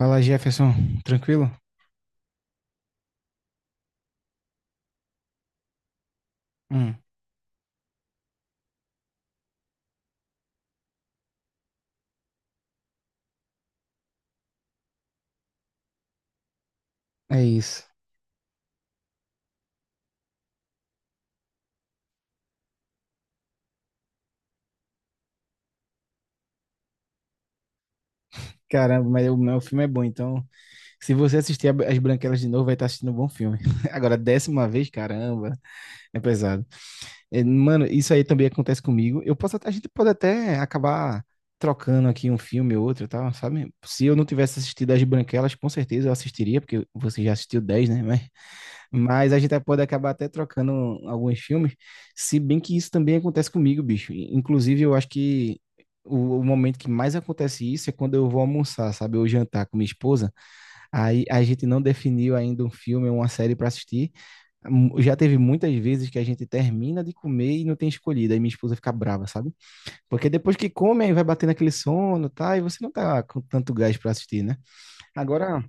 Fala, Jefferson. Tranquilo? Hum. É isso. Caramba, mas o meu filme é bom, então. Se você assistir As Branquelas de novo, vai estar assistindo um bom filme. Agora, 10ª vez, caramba, é pesado. É, mano, isso aí também acontece comigo. A gente pode até acabar trocando aqui um filme ou outro, e tal, sabe? Se eu não tivesse assistido As Branquelas, com certeza eu assistiria, porque você já assistiu 10, né? Mas a gente pode acabar até trocando alguns filmes, se bem que isso também acontece comigo, bicho. Inclusive, eu acho que o momento que mais acontece isso é quando eu vou almoçar, sabe? Ou jantar com minha esposa. Aí a gente não definiu ainda um filme ou uma série para assistir. Já teve muitas vezes que a gente termina de comer e não tem escolhido. Aí minha esposa fica brava, sabe? Porque depois que come, aí vai batendo aquele sono, tá? E você não tá com tanto gás para assistir, né? Agora,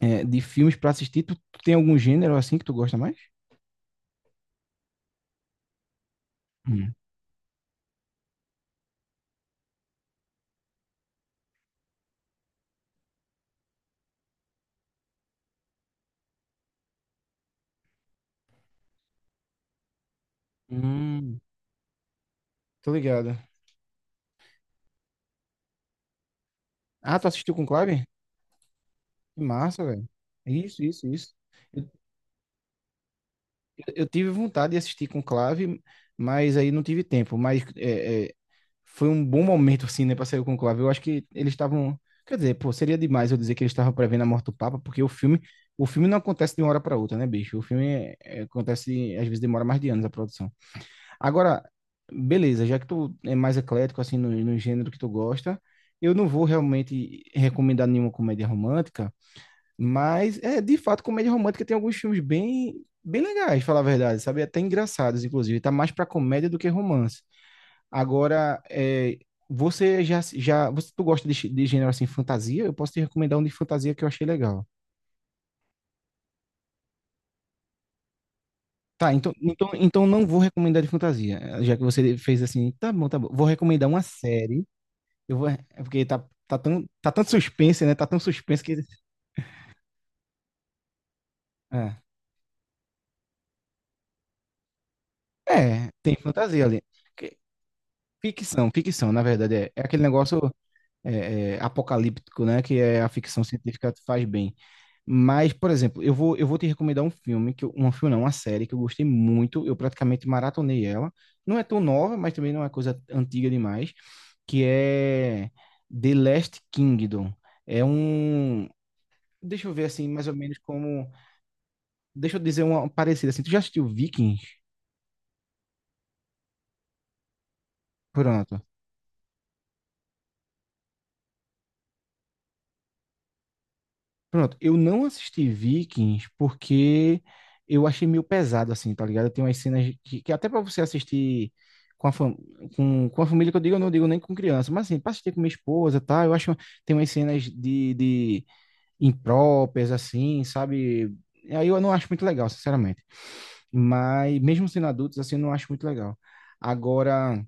de filmes para assistir, tu tem algum gênero assim que tu gosta mais? Hum. Hum, tô ligado. Ah, tu assistiu com clave? Que massa, velho. Isso, isso, isso. Eu, eu tive vontade de assistir com clave, mas aí não tive tempo. Mas é, foi um bom momento, assim, né, pra sair com clave. Eu acho que eles estavam. Quer dizer, pô, seria demais eu dizer que eles estavam prevendo a morte do Papa, porque o filme não acontece de uma hora pra outra, né, bicho? O filme acontece, às vezes demora mais de anos a produção. Agora, beleza, já que tu é mais eclético assim no gênero que tu gosta, eu não vou realmente recomendar nenhuma comédia romântica, mas é de fato comédia romântica tem alguns filmes bem bem legais, falar a verdade, sabe? É, até engraçados, inclusive, tá mais pra comédia do que romance. Agora, você já já você tu gosta de, de gênero assim fantasia? Eu posso te recomendar um de fantasia que eu achei legal. Tá, então não vou recomendar de fantasia, já que você fez assim, tá bom, tá bom. Vou recomendar uma série. É porque tá tanto suspense, né? Tá tão suspense que. É, é, tem fantasia ali. Que- Ficção, ficção, na verdade. É, aquele negócio apocalíptico, né? Que é a ficção científica faz bem. Mas, por exemplo, eu vou te recomendar um filme, que eu, um filme não, uma série que eu gostei muito. Eu praticamente maratonei ela. Não é tão nova, mas também não é coisa antiga demais. Que é The Last Kingdom. É um. Deixa eu ver assim, mais ou menos como. Deixa eu dizer uma parecida assim. Tu já assistiu Vikings? Pronto. Pronto. Eu não assisti Vikings porque eu achei meio pesado, assim, tá ligado? Tem umas cenas que até pra você assistir com a, fam com a família, que eu digo, eu não digo nem com criança, mas assim, pra assistir com minha esposa, tá? Eu acho tem umas cenas de impróprias, assim, sabe? Aí eu não acho muito legal, sinceramente. Mas mesmo sendo adultos, assim, eu não acho muito legal. Agora.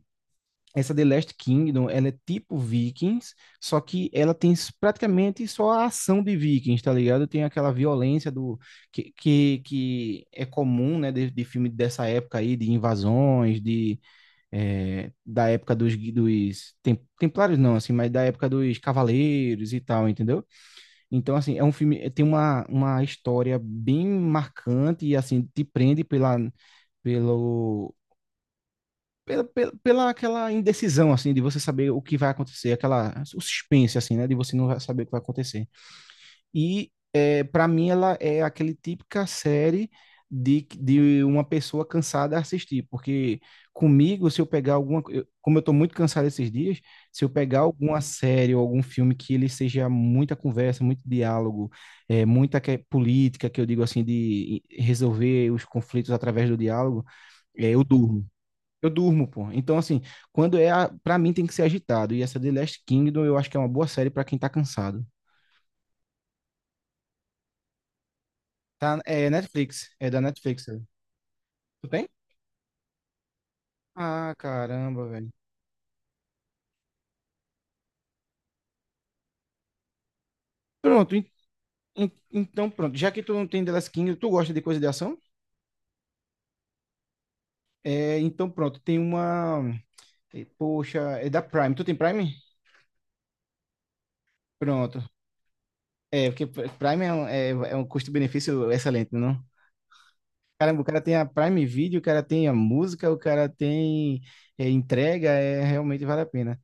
Essa The Last Kingdom, ela é tipo Vikings, só que ela tem praticamente só a ação de Vikings, tá ligado? Tem aquela violência do que é comum, né, de filme dessa época aí, de invasões, de da época dos Templários não, assim, mas da época dos Cavaleiros e tal, entendeu? Então, assim, é um filme, tem uma história bem marcante e, assim, te prende pela, pelo, pela, pela, pela aquela indecisão, assim, de você saber o que vai acontecer, aquela o suspense, assim, né, de você não saber o que vai acontecer. E, para mim, ela é aquele típica série de uma pessoa cansada a assistir, porque comigo, se eu pegar alguma, como eu estou muito cansado esses dias, se eu pegar alguma série ou algum filme que ele seja muita conversa, muito diálogo, muita política, que eu digo assim, de resolver os conflitos através do diálogo, eu durmo. Eu durmo, pô. Então, assim, quando é. A... Pra mim tem que ser agitado. E essa The Last Kingdom eu acho que é uma boa série pra quem tá cansado. Tá, é Netflix. É da Netflix, né? Tu tem? Ah, caramba, velho. Pronto. Então, pronto. Já que tu não tem The Last Kingdom, tu gosta de coisa de ação? É, então, pronto. Tem uma. Poxa, é da Prime. Tu tem Prime? Pronto. É, porque Prime é um custo-benefício excelente, não? Caramba, o cara tem a Prime Video, o cara tem a música, o cara tem entrega, realmente vale a pena.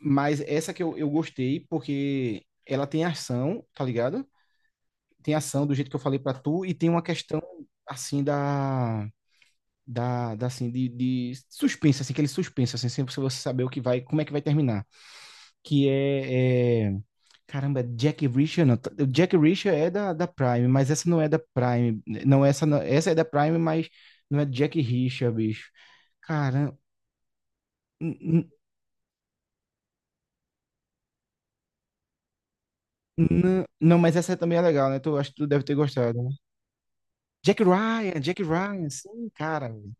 Mas essa que eu gostei, porque ela tem ação, tá ligado? Tem ação do jeito que eu falei pra tu, e tem uma questão, assim, da... Da assim, de suspense, assim, aquele suspense, assim, sem você saber o que vai, como é que vai terminar. Que é... é... Caramba, é Jack Reacher não. O Jack Reacher é da Prime, mas essa não é da Prime. Não, essa essa é da Prime, mas não é Jack Reacher, bicho. Cara, n- n- não, mas essa também é legal, né? Tu, acho que tu deve ter gostado. Jack Ryan, Jack Ryan, sim, cara, velho.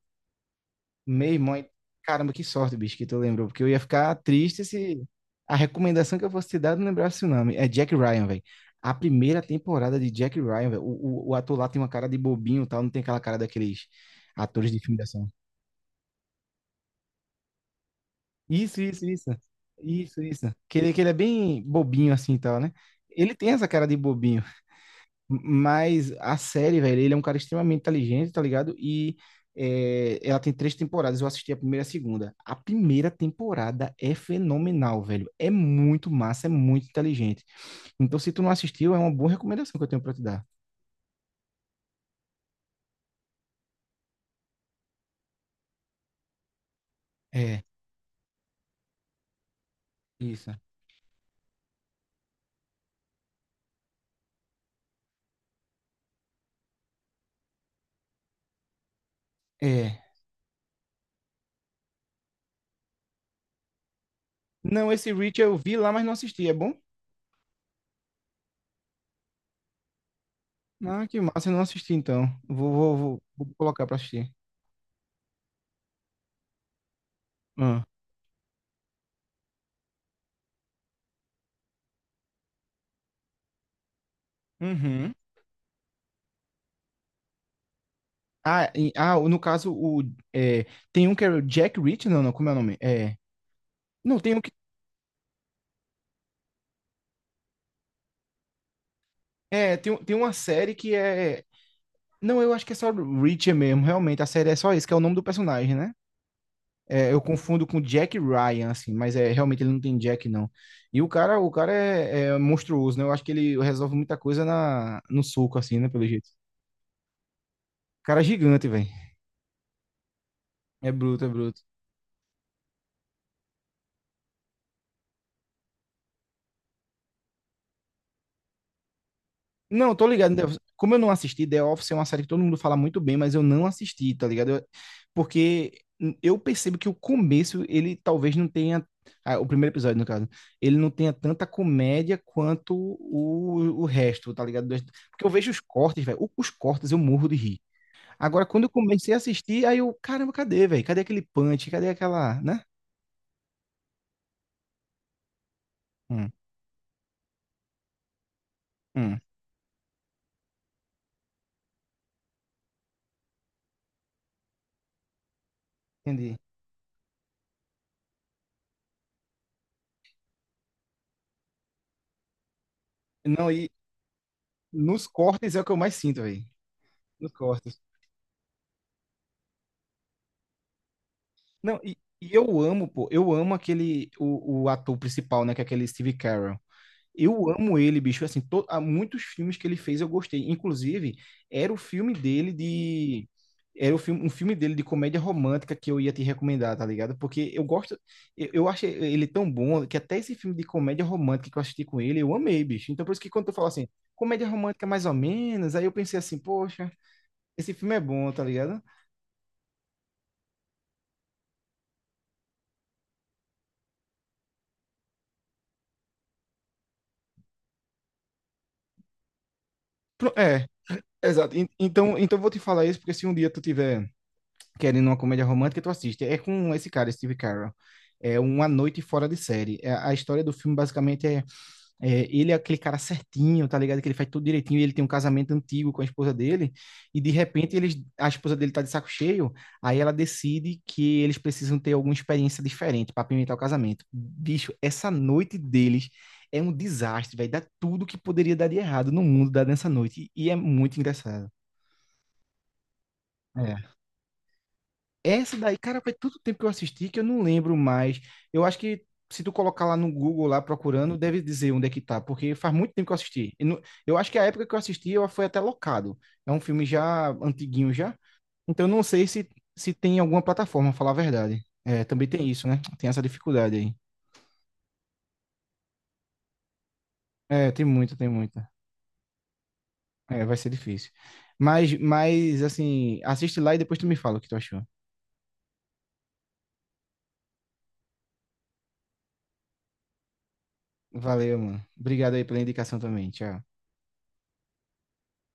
Meu irmão, caramba, que sorte, bicho, que tu lembrou, porque eu ia ficar triste se a recomendação que eu fosse te dar eu não lembrasse o nome. É Jack Ryan, velho. A primeira temporada de Jack Ryan, velho. O ator lá tem uma cara de bobinho e tal, não tem aquela cara daqueles atores de filme de ação. Isso, isso, isso. Isso, isso. Que ele é bem bobinho assim e tal, né? Ele tem essa cara de bobinho. Mas a série, velho, ele é um cara extremamente inteligente, tá ligado? E ela tem três temporadas. Eu assisti a primeira e a segunda. A primeira temporada é fenomenal, velho. É muito massa, é muito inteligente. Então, se tu não assistiu, é uma boa recomendação que eu tenho pra te dar. É, isso. É. Não, esse Reach eu vi lá, mas não assisti. É bom? Ah, que massa, eu não assisti então. Vou colocar pra assistir. Ah. Uhum. Ah, no caso, é, tem um que é o Jack Reach, não, não, como é o nome? É. Não, tem um. É, tem uma série que é. Não, eu acho que é só Reacher mesmo, realmente. A série é só isso, que é o nome do personagem, né? É, eu confundo com Jack Ryan, assim, mas é realmente ele não tem Jack, não. E o cara é monstruoso, né? Eu acho que ele resolve muita coisa no soco, assim, né? Pelo jeito. O cara é gigante, velho. É bruto, é bruto. Não, tô ligado. Como eu não assisti, The Office é uma série que todo mundo fala muito bem, mas eu não assisti, tá ligado? Porque eu percebo que o começo, ele talvez não tenha. O primeiro episódio, no caso, ele não tenha tanta comédia quanto o resto, tá ligado? Porque eu vejo os cortes, velho. Os cortes eu morro de rir. Agora, quando eu comecei a assistir, aí eu, caramba, cadê, velho? Cadê aquele punch? Cadê aquela, né? Hum, hum, entendi. Não, e nos cortes é o que eu mais sinto, velho. Nos cortes. Não, e eu amo, pô, eu amo aquele, o ator principal, né, que é aquele Steve Carell. Eu amo ele, bicho, assim, há muitos filmes que ele fez eu gostei. Inclusive, era o filme dele de... Era o filme, um filme dele de comédia romântica que eu ia te recomendar, tá ligado? Porque eu gosto, eu acho ele tão bom que até esse filme de comédia romântica que eu assisti com ele, eu amei, bicho. Então, por isso que quando tu fala assim, comédia romântica mais ou menos, aí eu pensei assim, poxa, esse filme é bom, tá ligado? É, exato. Então eu vou te falar isso porque se um dia tu tiver querendo uma comédia romântica, tu assiste. É com esse cara, Steve Carell. É Uma Noite Fora de Série. É, a história do filme basicamente ele é aquele cara certinho, tá ligado? Que ele faz tudo direitinho, e ele tem um casamento antigo com a esposa dele, e de repente eles, a esposa dele tá de saco cheio. Aí ela decide que eles precisam ter alguma experiência diferente para apimentar o casamento. Bicho, essa noite deles é um desastre, velho. Dá tudo que poderia dar de errado no mundo dá nessa noite e é muito engraçado. Essa daí, cara, faz tanto tempo que eu assisti que eu não lembro mais. Eu acho que se tu colocar lá no Google, lá procurando, deve dizer onde é que tá, porque faz muito tempo que eu assisti. Eu acho que a época que eu assisti, eu foi até locado. É um filme já antiguinho já. Então eu não sei se tem alguma plataforma, falar a verdade. É, também tem isso, né? Tem essa dificuldade aí. É, tem muita, tem muita. É, vai ser difícil. Mas, assim, assiste lá e depois tu me fala o que tu achou. Valeu, mano. Obrigado aí pela indicação também. Tchau.